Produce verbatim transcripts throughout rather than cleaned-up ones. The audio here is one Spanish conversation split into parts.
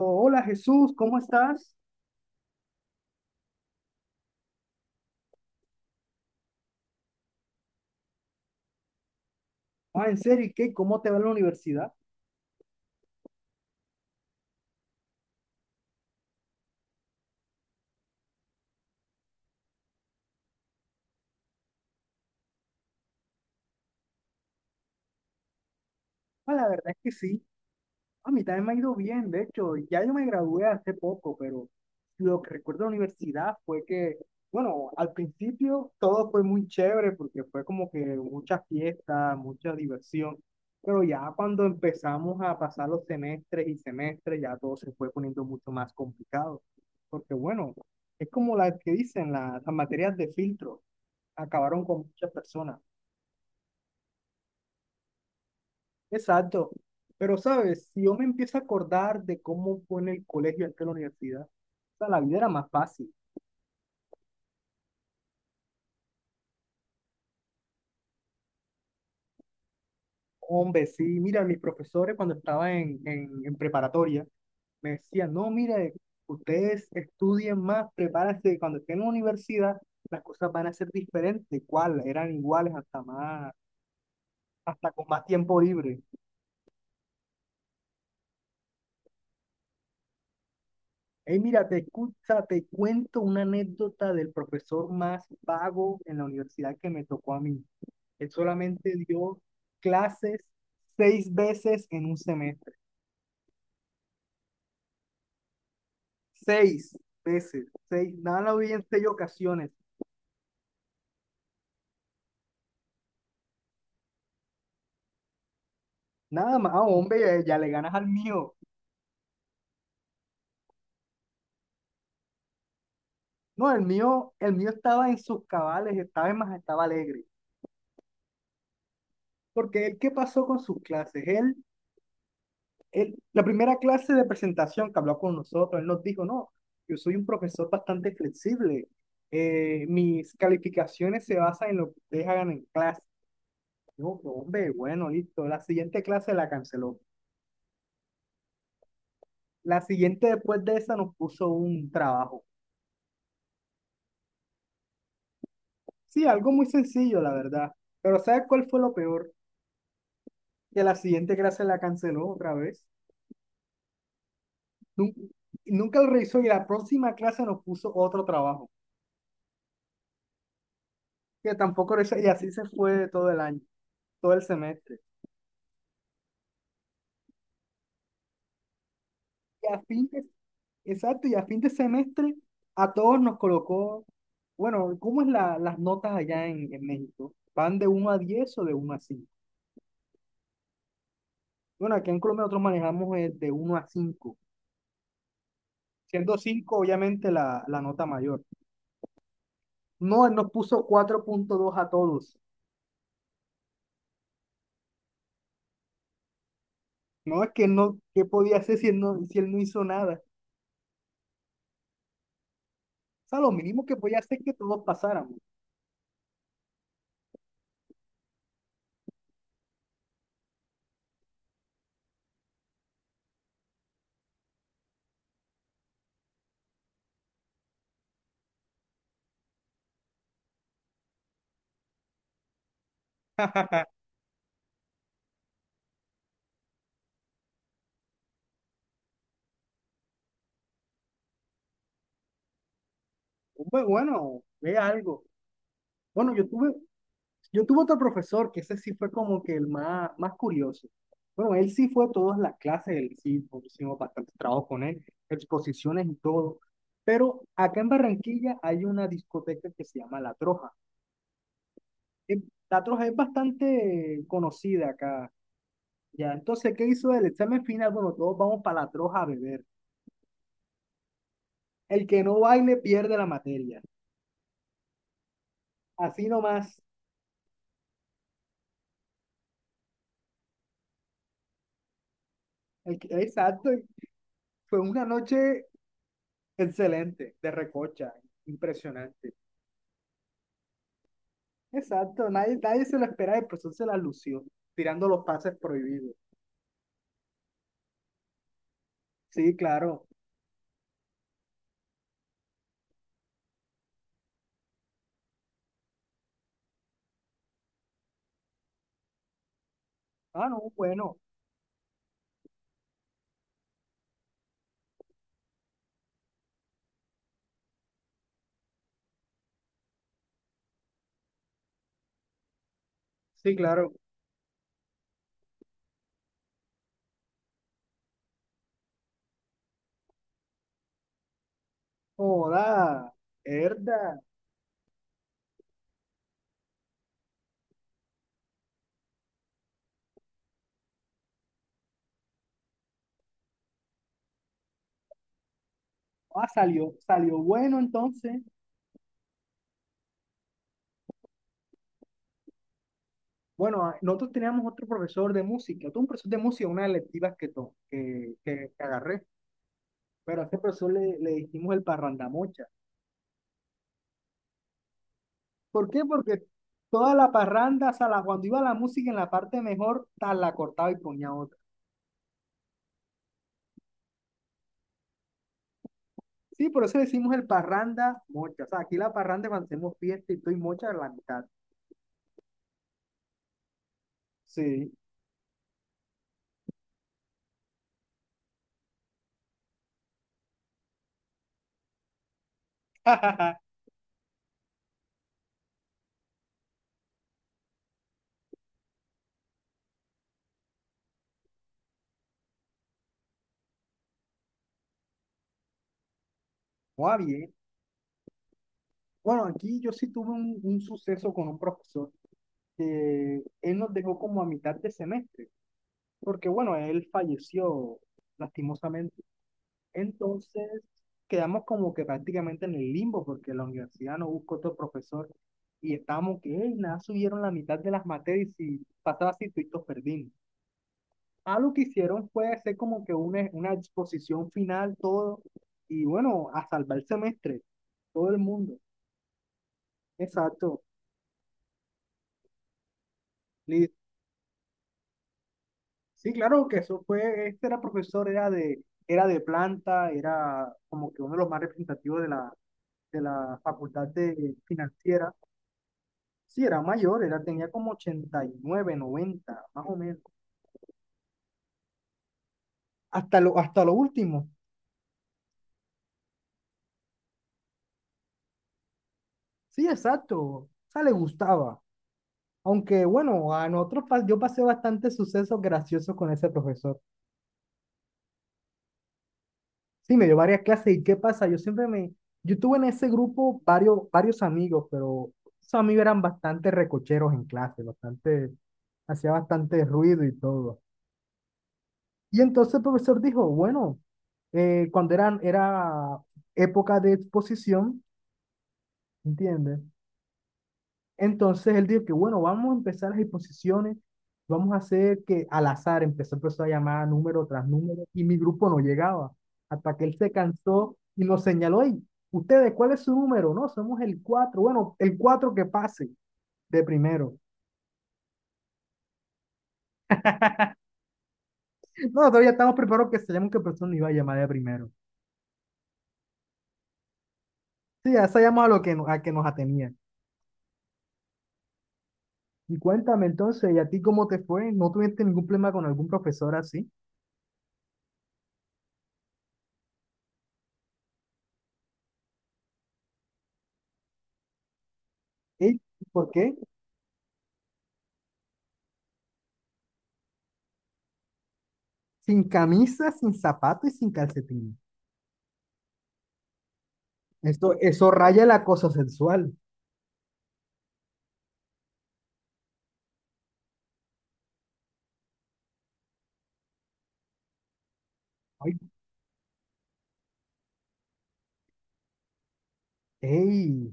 Hola Jesús, ¿cómo estás? Ah, en serio, ¿y qué? ¿Cómo te va en la universidad? Pues la verdad es que sí. A mí también me ha ido bien, de hecho, ya yo me gradué hace poco, pero lo que recuerdo de la universidad fue que, bueno, al principio todo fue muy chévere porque fue como que muchas fiestas mucha diversión, pero ya cuando empezamos a pasar los semestres y semestres, ya todo se fue poniendo mucho más complicado, porque bueno, es como las que dicen la- las materias de filtro, acabaron con muchas personas. Exacto. Pero, ¿sabes? Si yo me empiezo a acordar de cómo fue en el colegio antes de la universidad, o sea, la vida era más fácil. Hombre, sí, mira, mis profesores cuando estaba en, en, en preparatoria me decían, no, mira, ustedes estudien más, prepárense, cuando estén en la universidad las cosas van a ser diferentes. Igual Eran iguales hasta más, hasta con más tiempo libre. Hey, mira, te escucha, te cuento una anécdota del profesor más vago en la universidad que me tocó a mí. Él solamente dio clases seis veces en un semestre. Seis veces, seis, nada más en seis ocasiones. Nada más, ah, hombre, ya, le ganas al mío. No, el mío, el mío estaba en sus cabales, estaba en más, estaba alegre. Porque él, ¿qué pasó con sus clases? Él él- la primera clase de presentación que habló con nosotros, él nos dijo, no, yo soy un profesor bastante flexible. eh, mis calificaciones se basan en lo que ustedes hagan en clase. Yo, hombre, bueno, listo. La siguiente clase la canceló. La siguiente después de esa nos puso un trabajo. Sí, algo muy sencillo, la verdad. Pero, ¿sabes cuál fue lo peor? Que la siguiente clase la canceló otra vez. Nun- Nunca, lo revisó y la próxima clase nos puso otro trabajo. Que tampoco revisó, y así se fue todo el año, todo el semestre. Y a fin de, exacto, y a fin de semestre a todos nos colocó, bueno, ¿cómo es la, las notas allá en, en México? ¿Van de uno a diez o de uno a cinco? Bueno, aquí en Colombia nosotros manejamos el de uno a cinco, siendo cinco obviamente la, la nota mayor. No, él nos puso cuatro punto dos a todos. No, es que no, ¿qué podía hacer si él no, si él no hizo nada? O sea, lo mínimo que podía hacer es que todos pasáramos. Hombre, bueno, ve algo. Bueno, yo tuve, Yo tuve otro profesor que ese sí fue como que el más, más curioso. Bueno, él sí fue a todas las clases, él sí pues, hicimos bastante trabajo con él, exposiciones y todo. Pero acá en Barranquilla hay una discoteca que se llama La Troja. Eh, La Troja es bastante conocida acá. Ya, entonces, ¿qué hizo el examen final? Bueno, todos vamos para La Troja a beber. El que no baile pierde la materia. Así nomás. El que- exacto. y fue una noche excelente, de recocha, impresionante. Exacto, nadie, nadie se lo esperaba, el profesor se la lució, tirando los pases prohibidos. Sí, claro. Ah, no, bueno. Sí, claro. Joda, herda. Ah, salió, salió bueno entonces. Bueno, ah, nosotros teníamos otro profesor de música, tuve un profesor de música, una de las electivas que, to- que, que, que agarré, pero a ese profesor le, le dijimos el parrandamocha. ¿Por qué? Porque toda la parranda, o sea, la- cuando iba la música en la parte mejor, tal, la cortaba y ponía otra. Sí, por eso decimos el parranda mocha. O sea, aquí la parranda cuando hacemos fiesta y estoy mocha a la mitad. Sí. Muy bien. Bueno, aquí yo sí tuve un, un suceso con un profesor que él nos dejó como a mitad de semestre, porque bueno, él falleció lastimosamente. Entonces quedamos como que prácticamente en el limbo, porque la universidad no buscó otro profesor y estábamos que, "Ey, nada, subieron la mitad de las materias y pasaba así, todos perdimos. Ah, lo que hicieron fue hacer como que una, una exposición final, todo, y bueno, a salvar el semestre, todo el mundo. Exacto. Li- Sí, claro que eso fue, este era profesor, era de, era de planta, era como que uno de los más representativos de la, de la facultad de financiera. Sí, era mayor, era, tenía como ochenta y nueve, noventa más o menos. Hasta lo, hasta lo último. Sí, exacto. O sea, le gustaba. Aunque bueno, a nosotros pas- yo pasé bastantes sucesos graciosos con ese profesor. Sí, me dio varias clases y ¿qué pasa? Yo siempre me, yo tuve en ese grupo varios, varios amigos, pero esos amigos eran bastante recocheros en clase, bastante, hacía bastante ruido y todo. Y entonces el profesor dijo, bueno, eh, cuando eran, era época de exposición, ¿entiendes? Entonces él dijo que, bueno, vamos a empezar las exposiciones, vamos a hacer que al azar empezó, empezó a llamar número tras número y mi grupo no llegaba, hasta que él se cansó y nos señaló, y ustedes, ¿cuál es su número? No, somos el cuatro, bueno, el cuatro que pase de primero. No, todavía estamos preparados que sabíamos que persona iba a llamar de primero. Sí, ya sabíamos a lo que, no- a que nos atenía. Y cuéntame entonces, ¿y a ti cómo te fue? ¿No tuviste ningún problema con algún profesor así? ¿Y por qué? Sin camisa, sin zapato y sin calcetín. Esto, eso raya el acoso sexual. Ay, ey,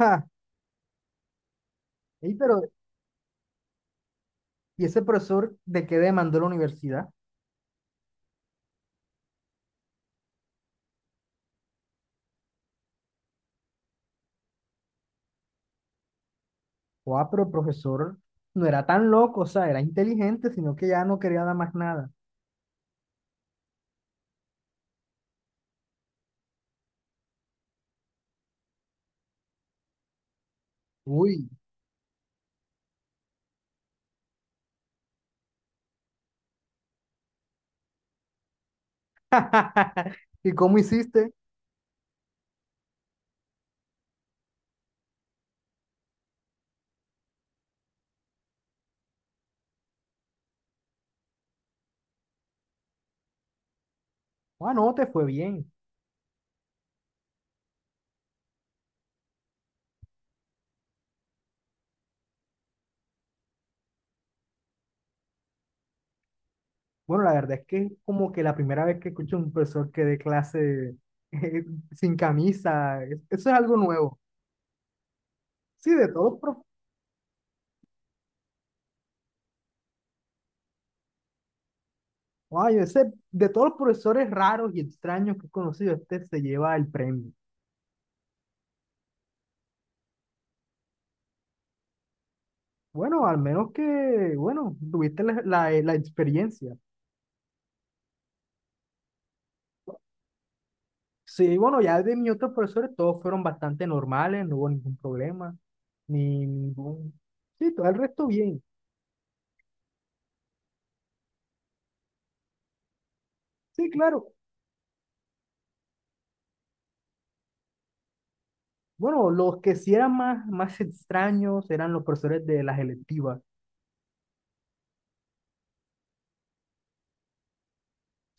ja, ey, pero, ¿y ese profesor de qué demandó la universidad? O Ah, pero el profesor no era tan loco, o sea, era inteligente, sino que ya no quería nada más nada. Uy, ¿y cómo hiciste? Ah, no, te fue bien. Bueno, la verdad es que es como que la primera vez que escucho a un profesor que dé clase sin camisa, es- eso es algo nuevo. Sí, de todos ay, ese, de todos los profesores raros y extraños que he conocido, este se lleva el premio. Bueno, al menos que, bueno, tuviste la, la, la experiencia. Sí, bueno, ya de mis otros profesores todos fueron bastante normales, no hubo ningún problema, ni ningún... Sí, todo el resto bien. Sí, claro. Bueno, los que sí eran más, más extraños eran los profesores de las electivas.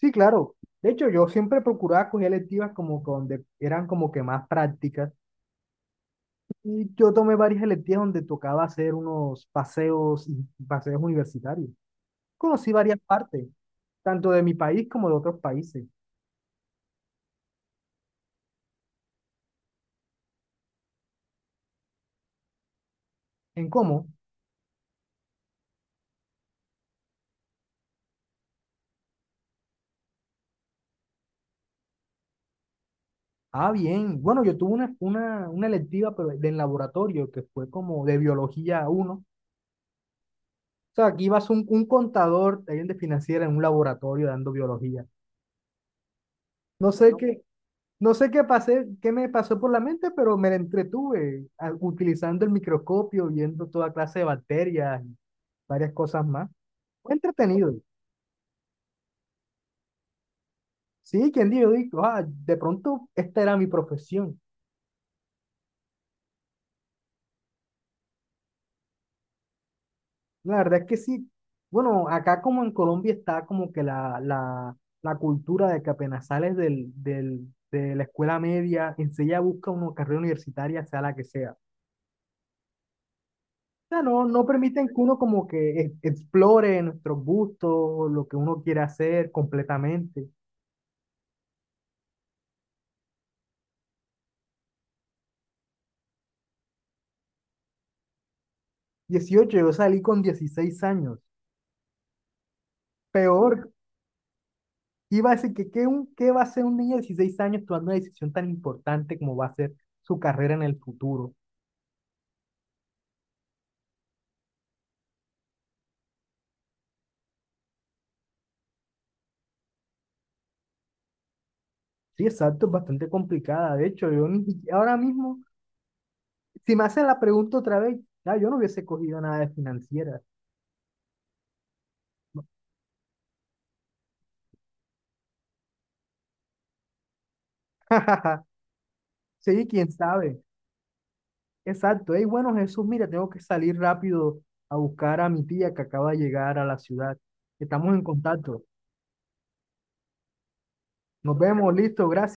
Sí, claro. De hecho, yo siempre procuraba coger electivas como que donde eran como que más prácticas. Y yo tomé varias electivas donde tocaba hacer unos paseos, y- paseos universitarios. Conocí varias partes, tanto de mi país como de otros países. ¿En cómo? Ah, bien. Bueno, yo tuve una, una, una electiva pero de en laboratorio que fue como de biología uno. O sea, aquí ibas un, un contador, alguien de financiera en un laboratorio dando biología. No sé qué, no sé qué pasé, qué me pasó por la mente, pero me la entretuve ah, utilizando el microscopio, viendo toda clase de bacterias y varias cosas más. Fue entretenido. Sí, quien dijo, dijo, ah, de pronto esta era mi profesión. La verdad es que sí. Bueno, acá como en Colombia está como que la, la, la cultura de que apenas sales del, del, de la escuela media, enseguida busca una carrera universitaria, sea la que sea. O sea, no, no permiten que uno como que e- explore nuestros gustos, lo que uno quiere hacer completamente. Dieciocho, yo salí con dieciséis años. Peor. Iba a decir, que ¿qué, un, ¿qué va a hacer un niño de dieciséis años tomando una decisión tan importante como va a ser su carrera en el futuro? Sí, exacto, es bastante complicada. De hecho, yo ni- ahora mismo, si me hacen la pregunta otra vez, ya, yo no hubiese cogido nada de financiera. Sí, quién sabe. Exacto. Ey, bueno, Jesús, mira, tengo que salir rápido a buscar a mi tía que acaba de llegar a la ciudad. Estamos en contacto. Nos vemos, listo, gracias.